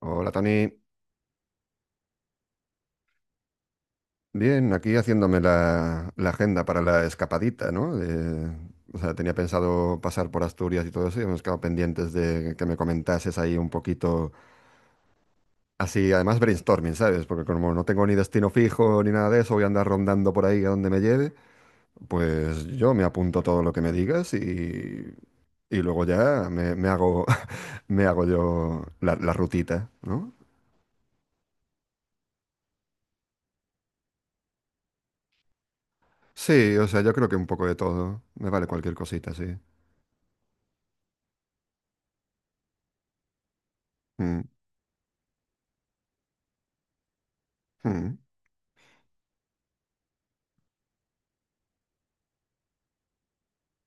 Hola Tony, bien, aquí haciéndome la agenda para la escapadita, ¿no? O sea, tenía pensado pasar por Asturias y todo eso y hemos quedado pendientes de que me comentases ahí un poquito, así, además brainstorming, ¿sabes? Porque como no tengo ni destino fijo ni nada de eso, voy a andar rondando por ahí a donde me lleve, pues yo me apunto todo lo que me digas y luego ya me hago, me hago yo la rutita, ¿no? Sí, o sea, yo creo que un poco de todo, me vale cualquier cosita, sí. Mm, mm.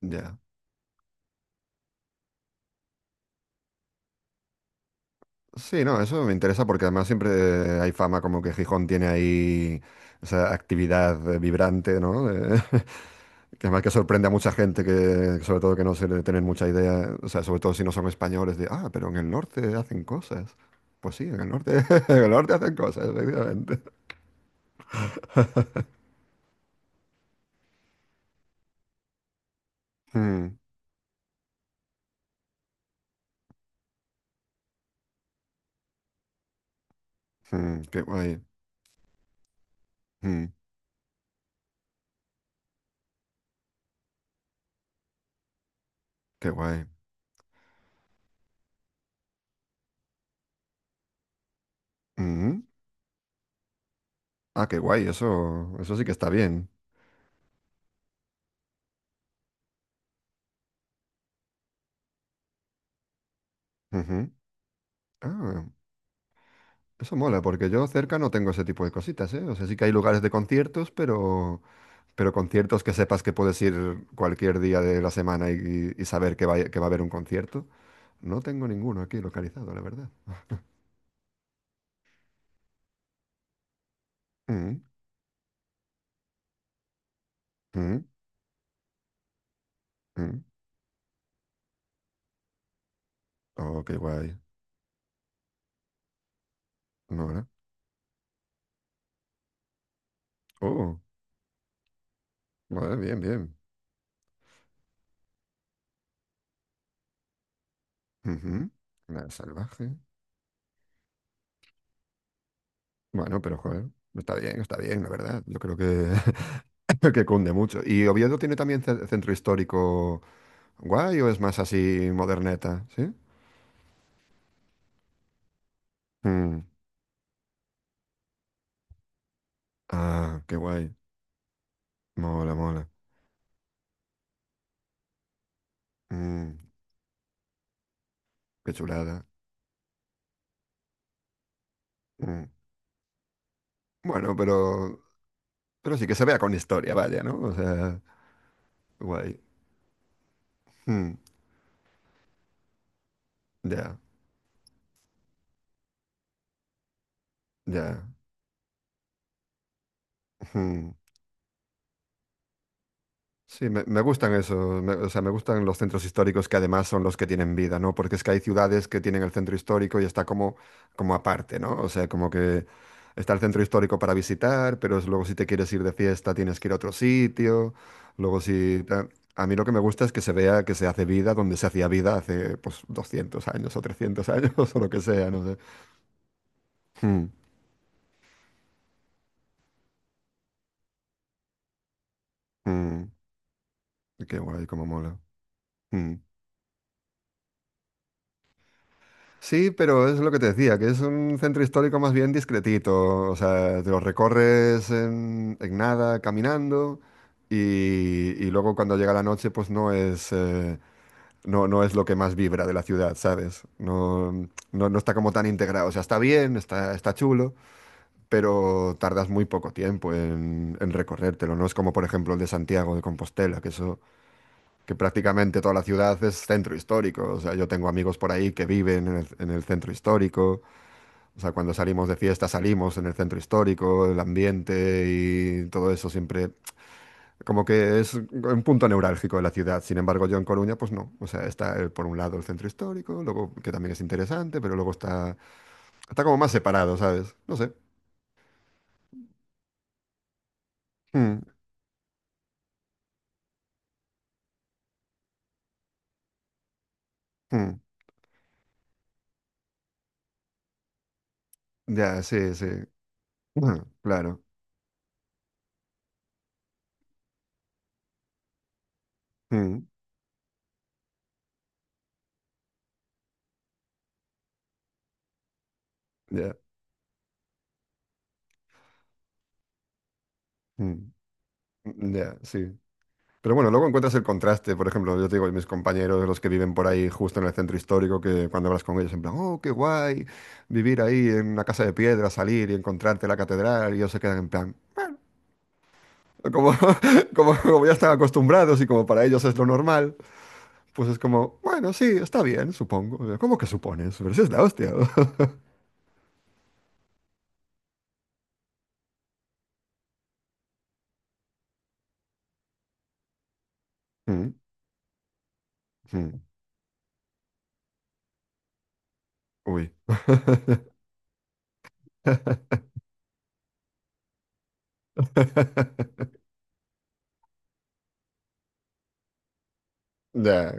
Ya. Sí, no, eso me interesa porque además siempre hay fama como que Gijón tiene ahí esa actividad vibrante, ¿no? De- que además que sorprende a mucha gente que, sobre todo que no se le tienen mucha idea, o sea, sobre todo si no son españoles, de, ah, pero en el norte hacen cosas. Pues sí, en el norte, en el norte hacen cosas, efectivamente. Mm, mm, qué guay, mm, qué guay. Mm, ah, qué guay, eso sí que está bien. Ujú. Ah, eso mola, porque yo cerca no tengo ese tipo de cositas, ¿eh? O sea, sí que hay lugares de conciertos, pero conciertos que sepas que puedes ir cualquier día de la semana y saber que va a haber un concierto. No tengo ninguno aquí localizado, la verdad. Mm, mm, mm. Oh, qué guay. No, ¿verdad? Oh, vale, bien, bien. Ujú. Nada salvaje. Bueno, pero joder, está bien, la verdad. Yo creo que, que cunde mucho. ¿Y Oviedo tiene también ce- centro histórico guay o es más así moderneta? Sí. Mm. Ah, qué guay. Mola, mola. Mm, qué chulada. Mm. Bueno, pero sí que se vea con historia, vaya, ¿no? O sea, guay. Mm, ya, ya. Mm. Sí, me gustan eso, me- o sea, me gustan los centros históricos que además son los que tienen vida, ¿no? Porque es que hay ciudades que tienen el centro histórico y está como, como aparte, ¿no? O sea, como que está el centro histórico para visitar, pero es- luego si te quieres ir de fiesta tienes que ir a otro sitio, luego si... ta- A mí lo que me gusta es que se vea que se hace vida donde se hacía vida hace, pues, 200 años o 300 años o lo que sea, no sé. Mm, mm, qué guay, cómo mola. Mm. Sí, pero es lo que te decía, que es un centro histórico más bien discretito. O sea, te lo recorres en nada, caminando, y luego cuando llega la noche, pues no es, no, no es lo que más vibra de la ciudad, ¿sabes? No, no, no está como tan integrado. O sea, está bien, está, está chulo, pero tardas muy poco tiempo en recorrértelo. No es como, por ejemplo, el de Santiago de Compostela, que eso, que prácticamente toda la ciudad es centro histórico. O sea, yo tengo amigos por ahí que viven en el centro histórico. O sea, cuando salimos de fiesta, salimos en el centro histórico, el ambiente y todo eso siempre, como que es un punto neurálgico de la ciudad. Sin embargo, yo en Coruña, pues no. O sea, está por un lado el centro histórico, luego que también es interesante, pero luego está, está como más separado, ¿sabes? No sé. Mm, mm. Ya, sí, sí. Mm, claro. Mm, ya, mm, ya, sí. Pero bueno, luego encuentras el contraste, por ejemplo, yo te digo, mis compañeros, los que viven por ahí justo en el centro histórico, que cuando hablas con ellos, en plan, oh, qué guay, vivir ahí en una casa de piedra, salir y encontrarte la catedral, y ellos se quedan en plan, como, como, como ya están acostumbrados y como para ellos es lo normal, pues es como, bueno, sí, está bien, supongo. ¿Cómo que supones? Pero si es la hostia. Mm, mm, uy. Ya.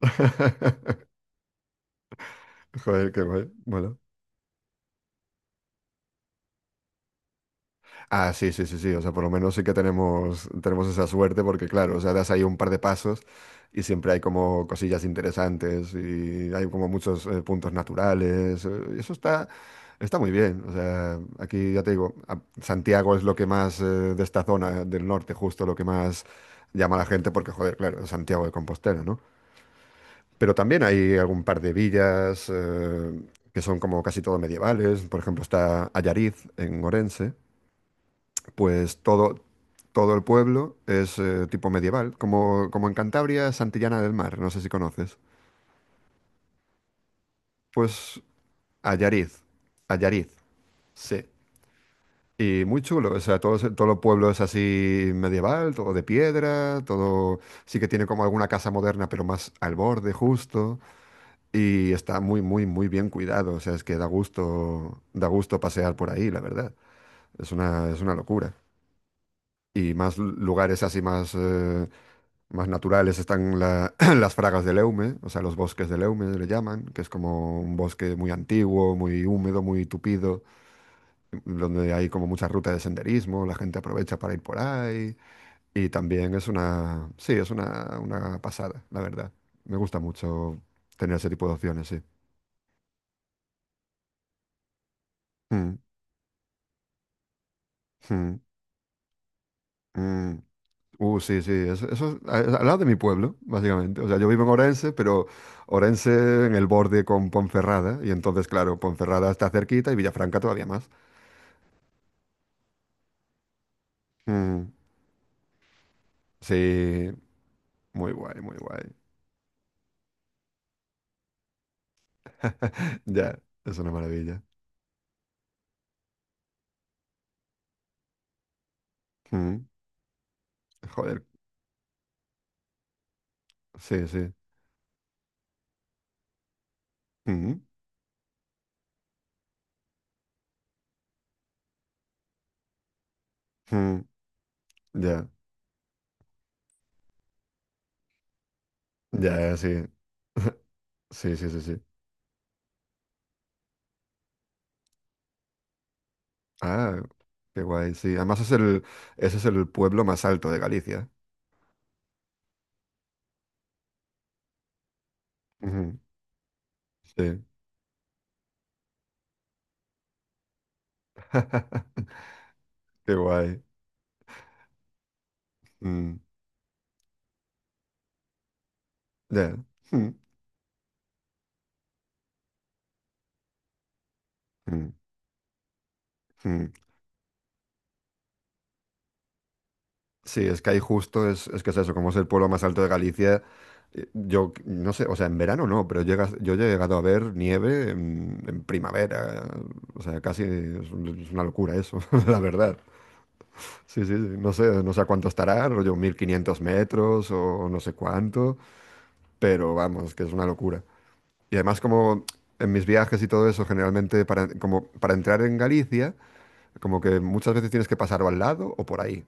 Joder, qué guay. Mola. Ah, sí, sí, sí, sí. O sea, por lo menos sí que tenemos, tenemos esa suerte porque, claro, o sea, das ahí un par de pasos y siempre hay como cosillas interesantes y hay como muchos puntos naturales. Y eso está, está muy bien. O sea, aquí ya te digo, a- Santiago es lo que más de esta zona del norte, justo lo que más llama a la gente porque, joder, claro, es Santiago de Compostela, ¿no? Pero también hay algún par de villas que son como casi todo medievales. Por ejemplo, está Allariz en Orense pues todo, todo el pueblo es tipo medieval, como, como en Cantabria, Santillana del Mar, no sé si conoces. Pues Allariz, Allariz, sí. Y muy chulo, o sea, todo, se- todo el pueblo es así medieval, todo de piedra, todo sí que tiene como alguna casa moderna, pero más al borde justo. Y está muy, muy, muy bien cuidado, o sea, es que da gusto pasear por ahí, la verdad. Es una locura. Y más lu- lugares así más... más naturales están la- las fragas del Eume, o sea, los bosques del Eume le llaman, que es como un bosque muy antiguo, muy húmedo, muy tupido, donde hay como muchas rutas de senderismo, la gente aprovecha para ir por ahí. Y también es una, sí, es una pasada, la verdad. Me gusta mucho tener ese tipo de opciones, sí. Mm, mm, mm. Sí, sí, eso es a- es al lado de mi pueblo, básicamente. O sea, yo vivo en Orense, pero Orense en el borde con Ponferrada, y entonces, claro, Ponferrada está cerquita y Villafranca todavía más. Mm, sí, muy guay, muy guay. Ya, es una maravilla. Mm, joder, sí, sí. Mm, mm, ya, ya, sí. Sí, sí, sí, sí. Ah, qué guay, sí. Además es el, ese es el pueblo más alto de Galicia. Ujú, sí. Qué guay. Mm. Ya. Mm, mm, mm. Sí, es que ahí justo es que es eso, como es el pueblo más alto de Galicia, yo c- no sé, o sea, en verano no, pero llegas, yo he llegado a ver nieve en primavera, o sea, casi es, un- es una locura eso, la verdad. Sí, sí, sí, no sé, no sé a cuánto estará, rollo 1.500 metros o no sé cuánto, pero vamos, que es una locura. Y además como en mis viajes y todo eso, generalmente para, como para entrar en Galicia, como que muchas veces tienes que pasar o al lado o por ahí.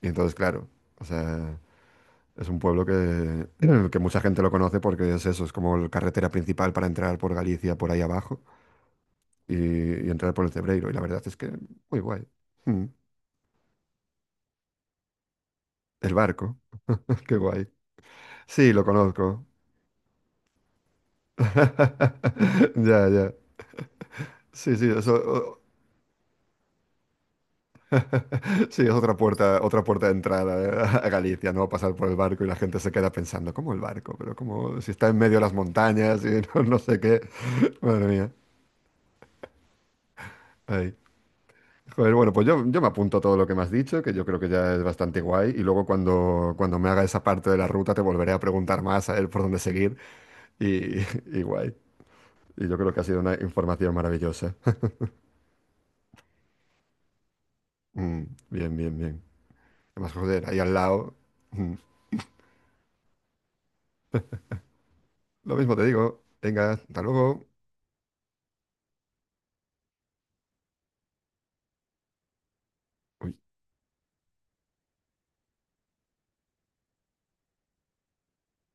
Y entonces, claro, o sea, es un pueblo que, en el que mucha gente lo conoce porque es eso, es como la carretera principal para entrar por Galicia, por ahí abajo, y entrar por el Cebreiro. Y la verdad es que muy guay. Mm. El barco, qué guay. Sí, lo conozco. Ya, ya. Sí, sí, eso, o- sí, es otra puerta de entrada a Galicia, ¿no? Pasar por el barco y la gente se queda pensando, ¿cómo el barco? Pero como si está en medio de las montañas y no, no sé qué. Madre mía. Ay. Joder, bueno, pues yo me apunto a todo lo que me has dicho, que yo creo que ya es bastante guay, y luego cuando, cuando me haga esa parte de la ruta te volveré a preguntar más a ver por dónde seguir, y, y guay. Y yo creo que ha sido una información maravillosa. Mm, bien, bien, bien. Además, joder, ahí al lado. Mm, lo mismo te digo. Venga, hasta luego.